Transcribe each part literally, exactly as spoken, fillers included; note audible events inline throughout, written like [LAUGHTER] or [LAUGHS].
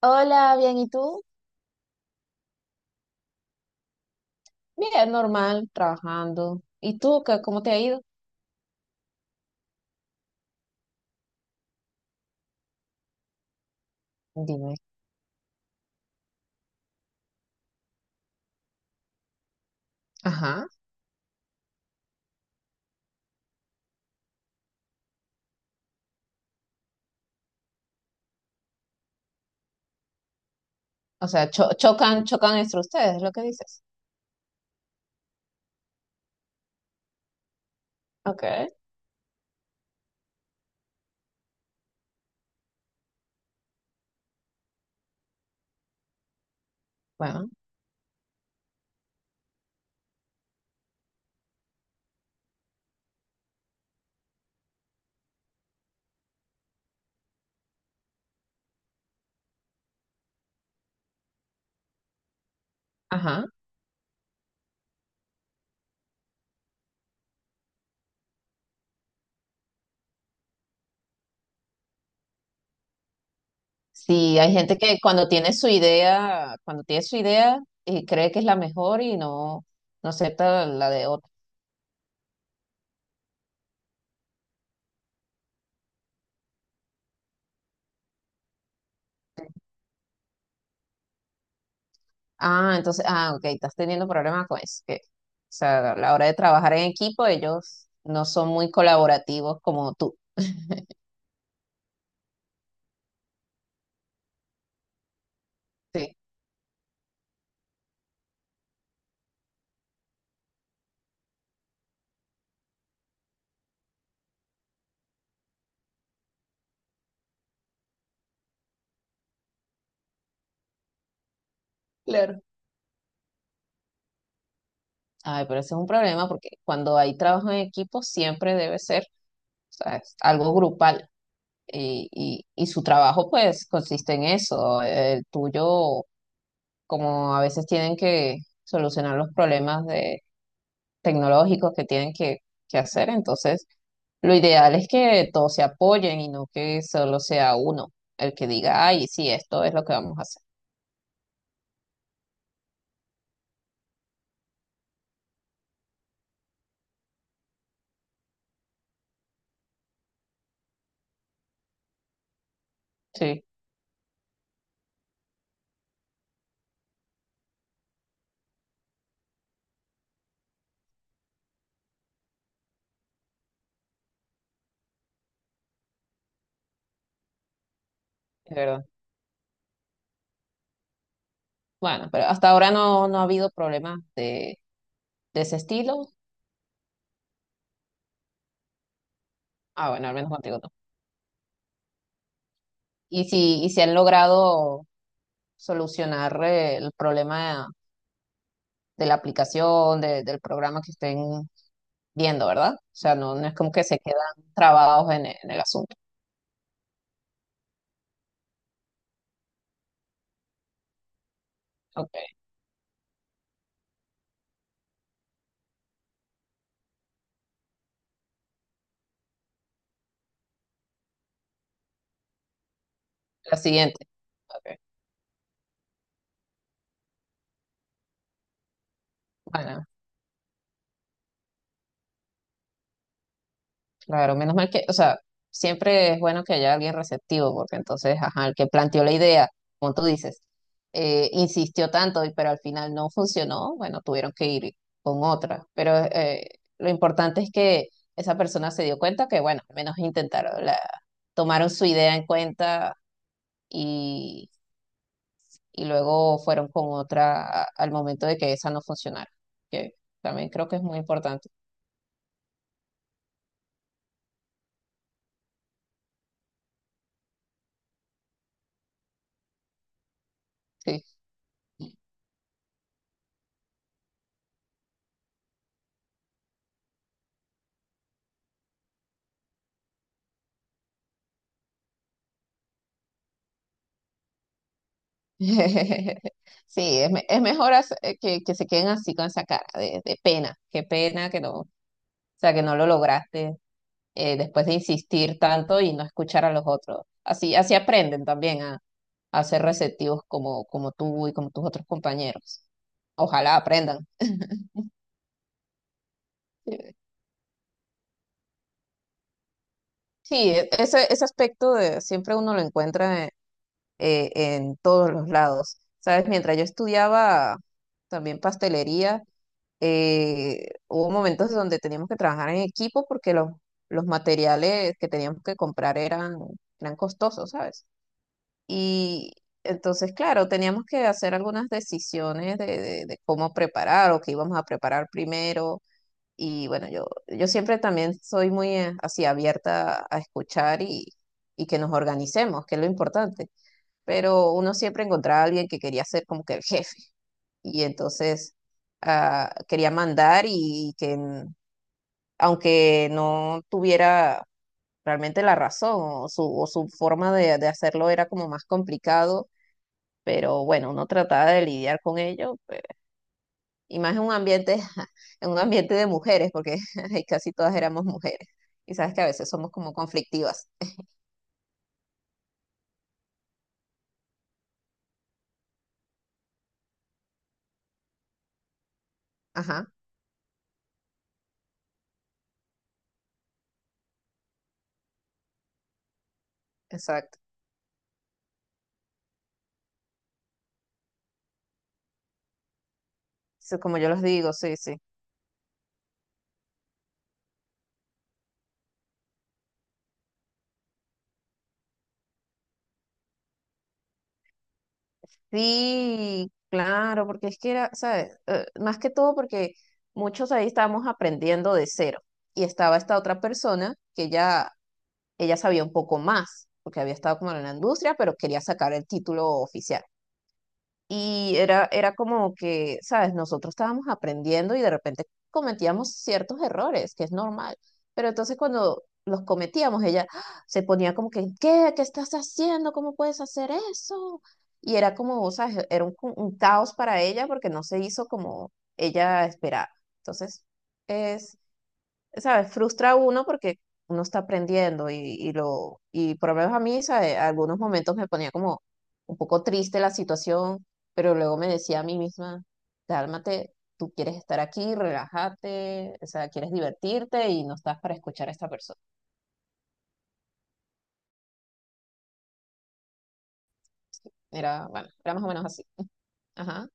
Hola, bien, ¿y tú? Bien, normal, trabajando. ¿Y tú, qué, cómo te ha ido? Dime. Ajá. O sea, cho- chocan, chocan entre ustedes, es lo que dices. Ok, bueno, ajá. Sí, hay gente que cuando tiene su idea, cuando tiene su idea y cree que es la mejor y no, no acepta la de otro. Ah, entonces, ah, ok, estás teniendo problemas con eso. que, O sea, a la hora de trabajar en equipo, ellos no son muy colaborativos como tú. Sí, claro. Ay, pero ese es un problema porque cuando hay trabajo en equipo siempre debe ser, o sea, es algo grupal y, y- y su trabajo pues consiste en eso. eh, El tuyo, como a veces tienen que solucionar los problemas de, tecnológicos que tienen que, que hacer, entonces lo ideal es que todos se apoyen y no que solo sea uno el que diga, ay, sí, esto es lo que vamos a hacer. Sí, es verdad. Bueno, pero hasta ahora no, no ha habido problemas de, de ese estilo. Ah, bueno, al menos contigo. No. Y si, y si han logrado solucionar eh, el problema de la aplicación, de- del programa que estén viendo, ¿verdad? O sea, no, no es como que se quedan trabados en, e- en el asunto. Ok, la siguiente. Ok, bueno. Claro, menos mal que, o sea, siempre es bueno que haya alguien receptivo, porque entonces, ajá, el que planteó la idea, como tú dices, eh, insistió tanto, y- pero al final no [LAUGHS] funcionó, bueno, tuvieron que ir con otra. Pero eh, lo importante es que esa persona se dio cuenta que, bueno, al menos intentaron, la, tomaron su idea en cuenta y, y luego fueron con otra a- al momento de que esa no funcionara, que también creo que es muy importante. Sí. [LAUGHS] Sí, es, me- es mejor hace- eh, que, que se queden así con esa cara de, de pena, qué pena que no, o sea, que no lo lograste eh, después de insistir tanto y no escuchar a los otros. Así, así aprenden también a, a ser receptivos como, como tú y como tus otros compañeros. Ojalá aprendan. Eh, Sí, e- ese, ese aspecto de, siempre uno lo encuentra eh, eh, en todos los lados. ¿Sabes? Mientras yo estudiaba también pastelería, eh, hubo momentos donde teníamos que trabajar en equipo porque los, los materiales que teníamos que comprar eran, eran costosos, ¿sabes? Y entonces, claro, teníamos que hacer algunas decisiones de, de- de cómo preparar o qué íbamos a preparar primero. Y bueno, yo, yo siempre también soy muy eh, así abierta a escuchar y, y que nos organicemos, que es lo importante. Pero uno siempre encontraba a alguien que quería ser como que el jefe. Y entonces ah, quería mandar y que n- aunque no tuviera realmente la razón o su, o su forma de de hacerlo era como más complicado pero bueno, uno trataba de lidiar con ello, pe- y más en un ambiente, [LAUGHS] en un ambiente de mujeres, porque [LAUGHS] ahí casi todas éramos mujeres, y sabes que a veces somos como conflictivas. Ajá, exacto. Sí, como yo los digo, sí, sí. Sí, claro, porque es que era, ¿sabes? Eh, más que todo porque muchos ahí estábamos aprendiendo de cero, y estaba esta otra persona que ya, ella sabía un poco más, porque había estado como en la industria, pero quería sacar el título oficial. Y era, era como que, ¿sabes? Nosotros estábamos aprendiendo y de repente cometíamos ciertos errores, que es normal. Pero entonces cuando los cometíamos, ella ¡ah! Se ponía como que, ¿qué? ¿Qué estás haciendo? ¿Cómo puedes hacer eso? Y era como, ¿sabes? Era un, un caos para ella porque no se hizo como ella esperaba. Entonces, ¿sabes? Frustra a uno porque uno está aprendiendo y, y lo, y por lo menos a mí, ¿sabes? Algunos momentos me ponía como un poco triste la situación, pero luego me decía a mí misma, cálmate, tú quieres estar aquí, relájate, o sea, quieres divertirte y no estás para escuchar a esta persona. Era, bueno, era más o menos así. Ajá,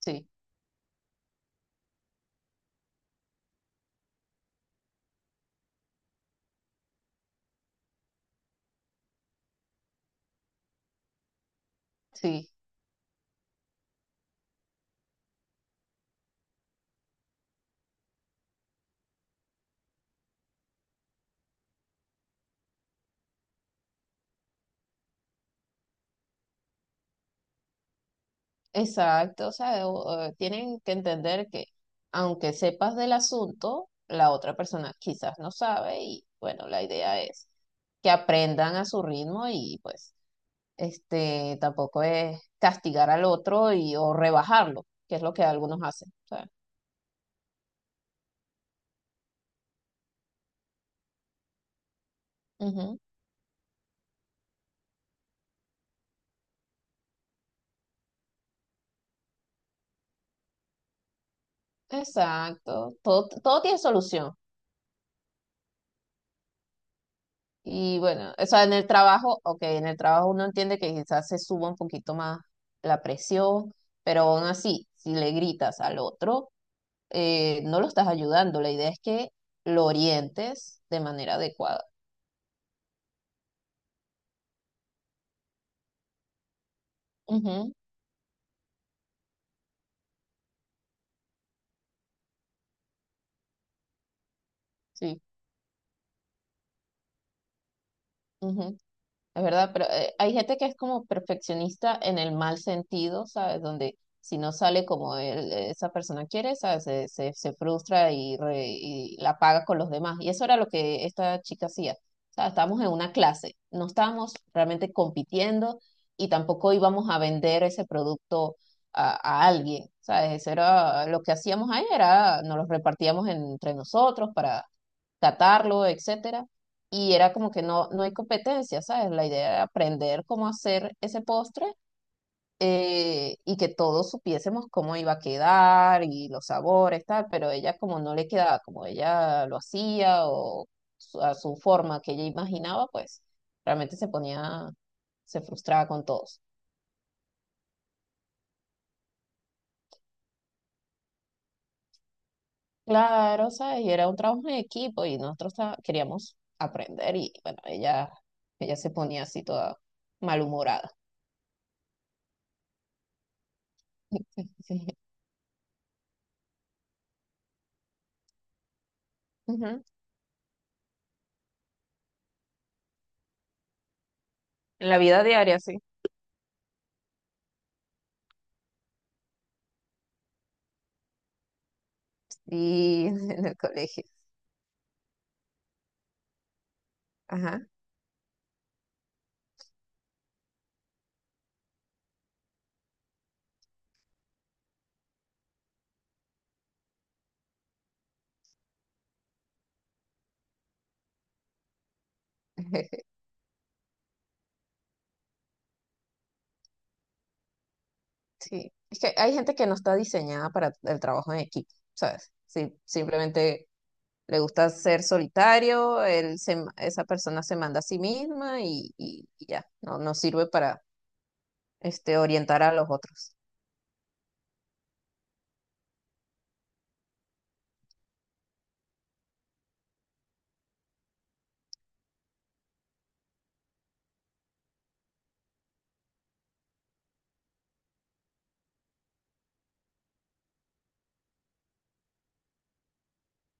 sí, sí. Exacto, o sea, o- o tienen que entender que aunque sepas del asunto, la otra persona quizás no sabe y bueno, la idea es que aprendan a su ritmo y pues este tampoco es castigar al otro y o rebajarlo, que es lo que algunos hacen. O sea, ujú, exacto, todo, todo tiene solución. Y bueno, o sea, en el trabajo, ok, en el trabajo uno entiende que quizás se suba un poquito más la presión, pero aún así, si le gritas al otro, eh, no lo estás ayudando. La idea es que lo orientes de manera adecuada. Ujú, sí. Ujú. Es verdad, pero eh, hay gente que es como perfeccionista en el mal sentido, ¿sabes? Donde si no sale como él, esa persona quiere, ¿sabes? Se, se, se frustra y, re- y la paga con los demás. Y eso era lo que esta chica hacía. O sea, estábamos en una clase, no estábamos realmente compitiendo y tampoco íbamos a vender ese producto a, a alguien, ¿sabes? Eso era lo que hacíamos ahí, era nos los repartíamos entre nosotros para catarlo, etcétera. Y era como que no, no hay competencia, ¿sabes? La idea era aprender cómo hacer ese postre eh, y que todos supiésemos cómo iba a quedar y los sabores, tal, pero ella como no le quedaba como ella lo hacía o su- a su forma que ella imaginaba, pues realmente se ponía, se frustraba con todos. Claro, ¿sabes? Y era un trabajo en equipo y nosotros ta- queríamos aprender y bueno, ella, ella se ponía así toda malhumorada. [LAUGHS] Sí. Ujú. En la vida diaria, sí. Y [LAUGHS] en el colegio. Ajá. [LAUGHS] Sí. Es que hay gente que no está diseñada para el trabajo en equipo, ¿sabes? Sí, simplemente le gusta ser solitario, él se- esa persona se manda a sí misma y, y- y ya, no, no sirve para este, orientar a los otros.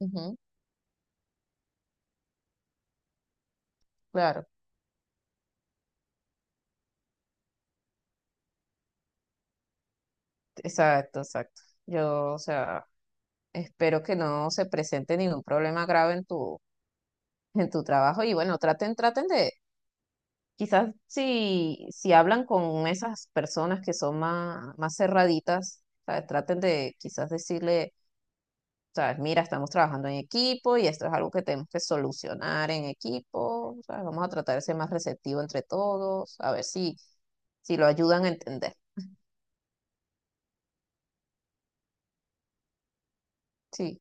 Ujú, claro, exacto, exacto. Yo, o sea, espero que no se presente ningún problema grave en tu, en tu trabajo. Y bueno, traten, traten de, quizás si, si hablan con esas personas que son más, más cerraditas, ¿sabes? Traten de quizás decirle, sabes, mira, estamos trabajando en equipo y esto es algo que tenemos que solucionar en equipo, ¿sabes? Vamos a tratar de ser más receptivo entre todos, a ver si, si lo ayudan a entender. Sí,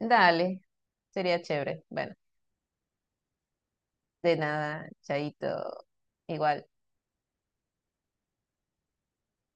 dale, sería chévere. Bueno, de nada, chaito, igual.